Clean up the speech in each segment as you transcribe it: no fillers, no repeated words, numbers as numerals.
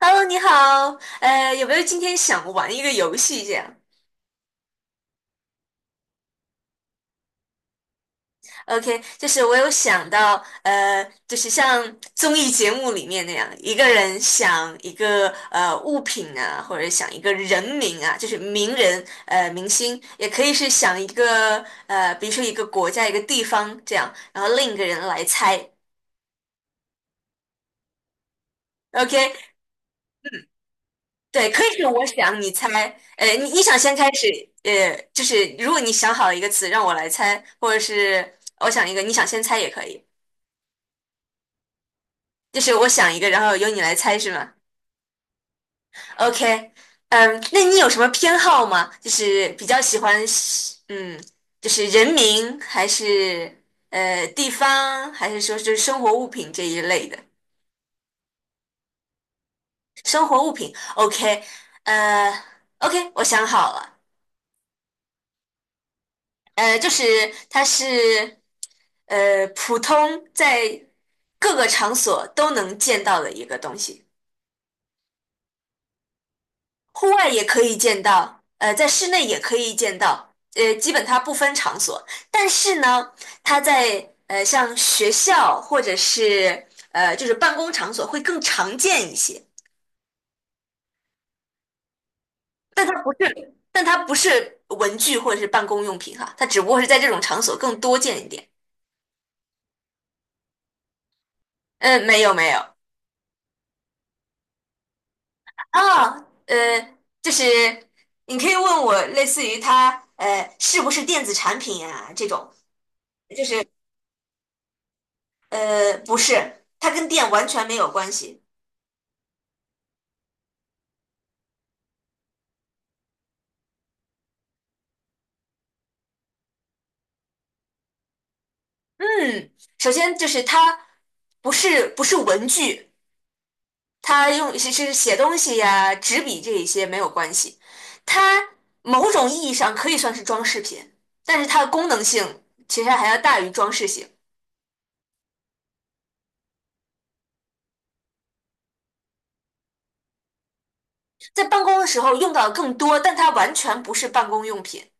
Hello，你好，有没有今天想玩一个游戏这样？OK，就是我有想到，就是像综艺节目里面那样，一个人想一个物品啊，或者想一个人名啊，就是名人明星，也可以是想一个，比如说一个国家一个地方这样，然后另一个人来猜。OK，对，可以是我想你猜，你想先开始，就是如果你想好一个词让我来猜，或者是我想一个，你想先猜也可以，就是我想一个，然后由你来猜是吗？OK，那你有什么偏好吗？就是比较喜欢就是人名还是地方，还是说就是生活物品这一类的？生活物品，OK，呃，OK，我想好了。就是它是普通在各个场所都能见到的一个东西，户外也可以见到，在室内也可以见到，基本它不分场所。但是呢，它在像学校或者是就是办公场所会更常见一些，但它不是文具或者是办公用品哈，它只不过是在这种场所更多见一点。嗯，没有没有。啊，就是你可以问我，类似于它是不是电子产品啊这种，就是不是，它跟电完全没有关系。嗯，首先就是它不是文具，它用是写东西呀、纸笔这一些没有关系，它某种意义上可以算是装饰品，但是它的功能性其实还要大于装饰性，在办公的时候用到的更多，但它完全不是办公用品。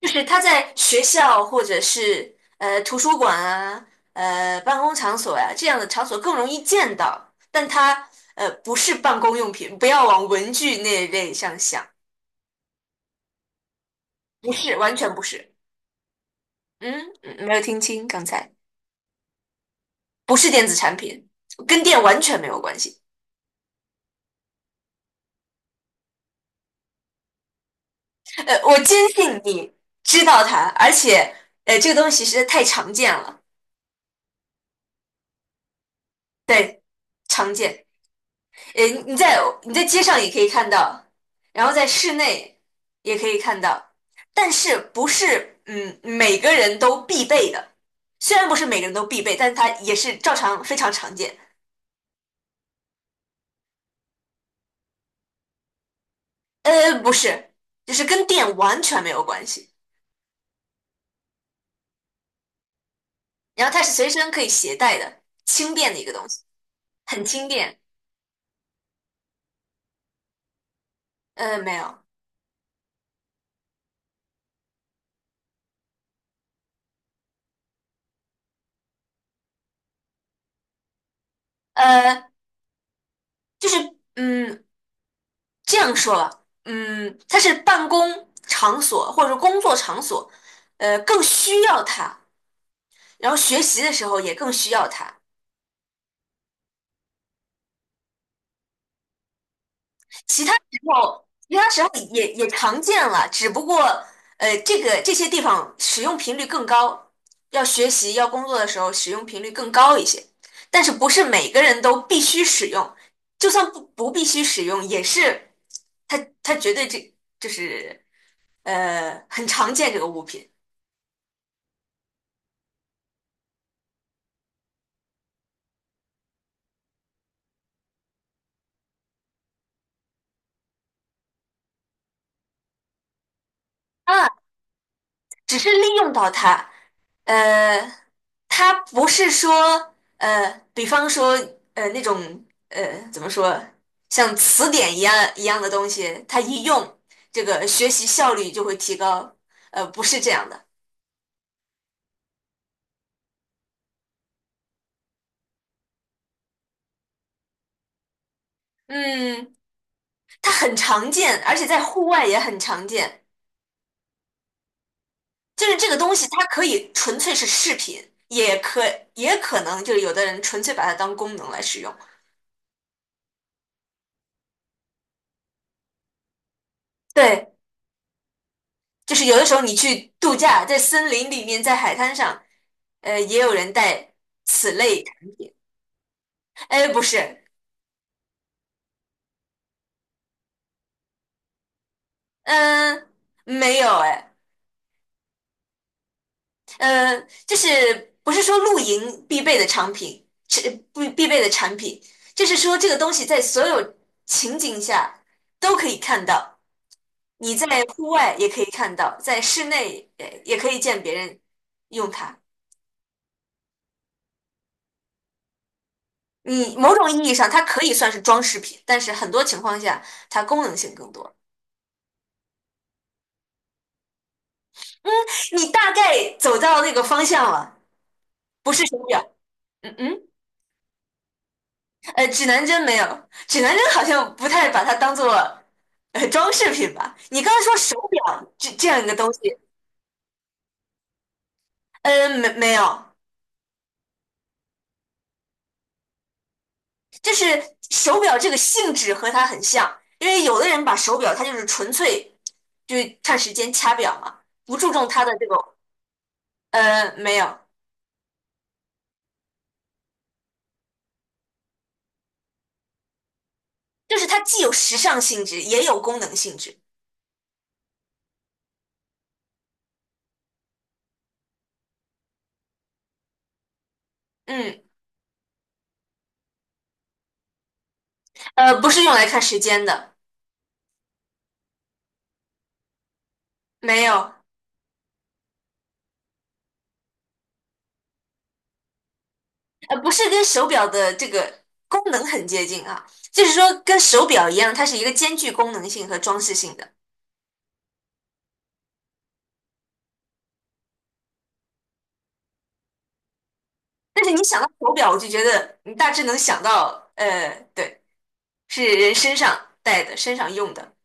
就是他在学校或者是图书馆啊、办公场所呀、这样的场所更容易见到，但它不是办公用品，不要往文具那一类上想，不是，完全不是。嗯，没有听清刚才，不是电子产品，跟电完全没有关系。我坚信你知道它，而且这个东西实在太常见了，对，常见。诶，你在街上也可以看到，然后在室内也可以看到，但是不是每个人都必备的。虽然不是每个人都必备，但它也是照常非常常见。不是，就是跟电完全没有关系。然后它是随身可以携带的，轻便的一个东西，很轻便。没有，呃，就是嗯这样说吧，它是办公场所或者是工作场所，更需要它。然后学习的时候也更需要它，其他时其他时候也常见了，只不过这些地方使用频率更高，要学习要工作的时候使用频率更高一些，但是不是每个人都必须使用，就算不必须使用，也是它它绝对这就是很常见这个物品。当然只是利用到它，呃，它不是说，比方说，那种，怎么说，像词典一样的东西，它一用，这个学习效率就会提高，不是这样的，嗯，它很常见，而且在户外也很常见，就是这个东西它可以纯粹是饰品，也可能就是有的人纯粹把它当功能来使用。对，就是有的时候你去度假，在森林里面，在海滩上，也有人带此类产品。哎，不是，嗯，没有，哎，呃，就是不是说露营必备的产品，是必备的产品，就是说这个东西在所有情景下都可以看到，你在户外也可以看到，在室内也可以见别人用它。你某种意义上，它可以算是装饰品，但是很多情况下，它功能性更多。你大概走到那个方向了，不是手表。嗯嗯，指南针没有，指南针好像不太把它当做装饰品吧。你刚才说手表这样一个东西，没有，就是手表这个性质和它很像，因为有的人把手表它就是纯粹就是看时间掐表嘛，不注重它的这个，没有，就是它既有时尚性质也有功能性质。嗯，不是用来看时间的，没有。不是跟手表的这个功能很接近啊，就是说跟手表一样，它是一个兼具功能性和装饰性的。但是你想到手表，我就觉得你大致能想到，对，是人身上戴的、身上用的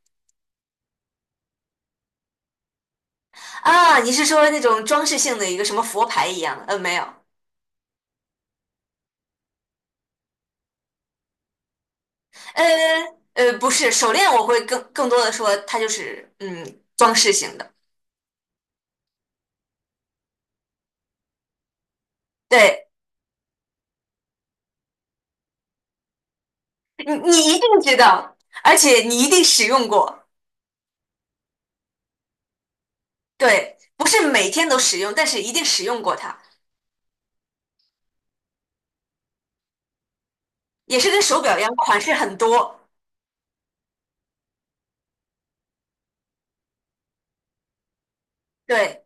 啊。你是说那种装饰性的一个什么佛牌一样的没有，呃不是手链，我会更多的说它就是装饰性的。对，你一定知道，而且你一定使用过。对，不是每天都使用，但是一定使用过它，也是跟手表一样，款式很多。对，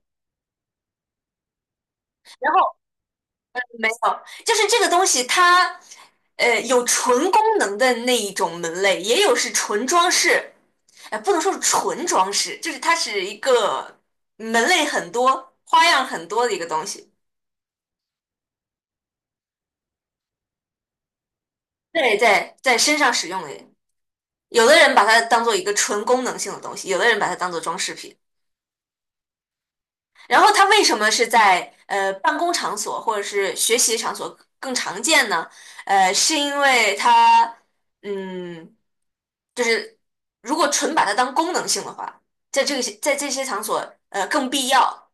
然后没有，就是这个东西它，有纯功能的那一种门类，也有是纯装饰，不能说是纯装饰，就是它是一个门类很多、花样很多的一个东西。对，在身上使用的，有的人把它当做一个纯功能性的东西，有的人把它当做装饰品。然后它为什么是在办公场所或者是学习场所更常见呢？是因为它，嗯，就是如果纯把它当功能性的话，在这些场所更必要。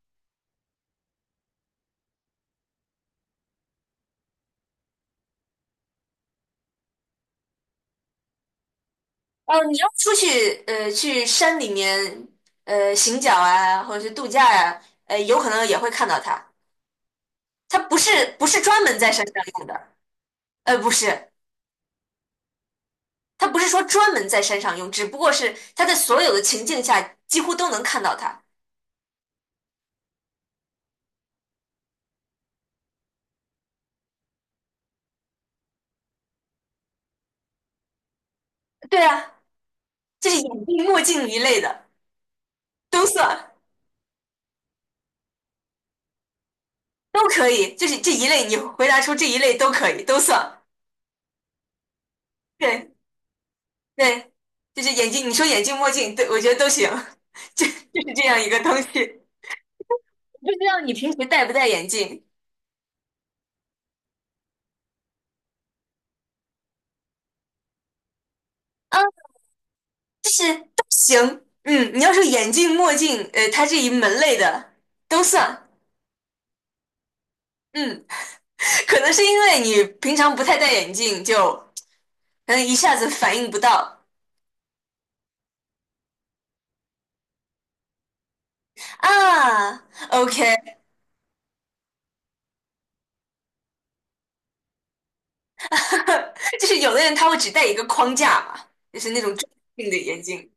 哦，你要出去去山里面行脚啊，或者是度假呀、有可能也会看到它。它不是专门在山上用的，不是。他不是说专门在山上用，只不过是他在所有的情境下几乎都能看到他。对啊，就是眼镜、墨镜一类的都算，都可以。就是这一类，你回答出这一类都可以，都算。对对，就是眼镜，你说眼镜、墨镜，对我觉得都行。就是这样一个东西。不知道你平时戴不戴眼镜啊？就是都行。嗯，你要说眼镜、墨镜，它这一门类的都算。嗯，可能是因为你平常不太戴眼镜，就。可能一下子反应不到啊。OK，就是有的人他会只戴一个框架嘛，就是那种重镜的眼镜。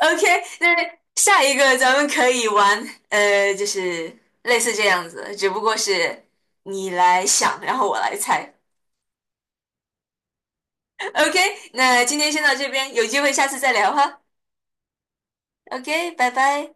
OK，那下一个咱们可以玩，就是类似这样子，只不过是你来想，然后我来猜。OK，那今天先到这边，有机会下次再聊哈。OK，拜拜。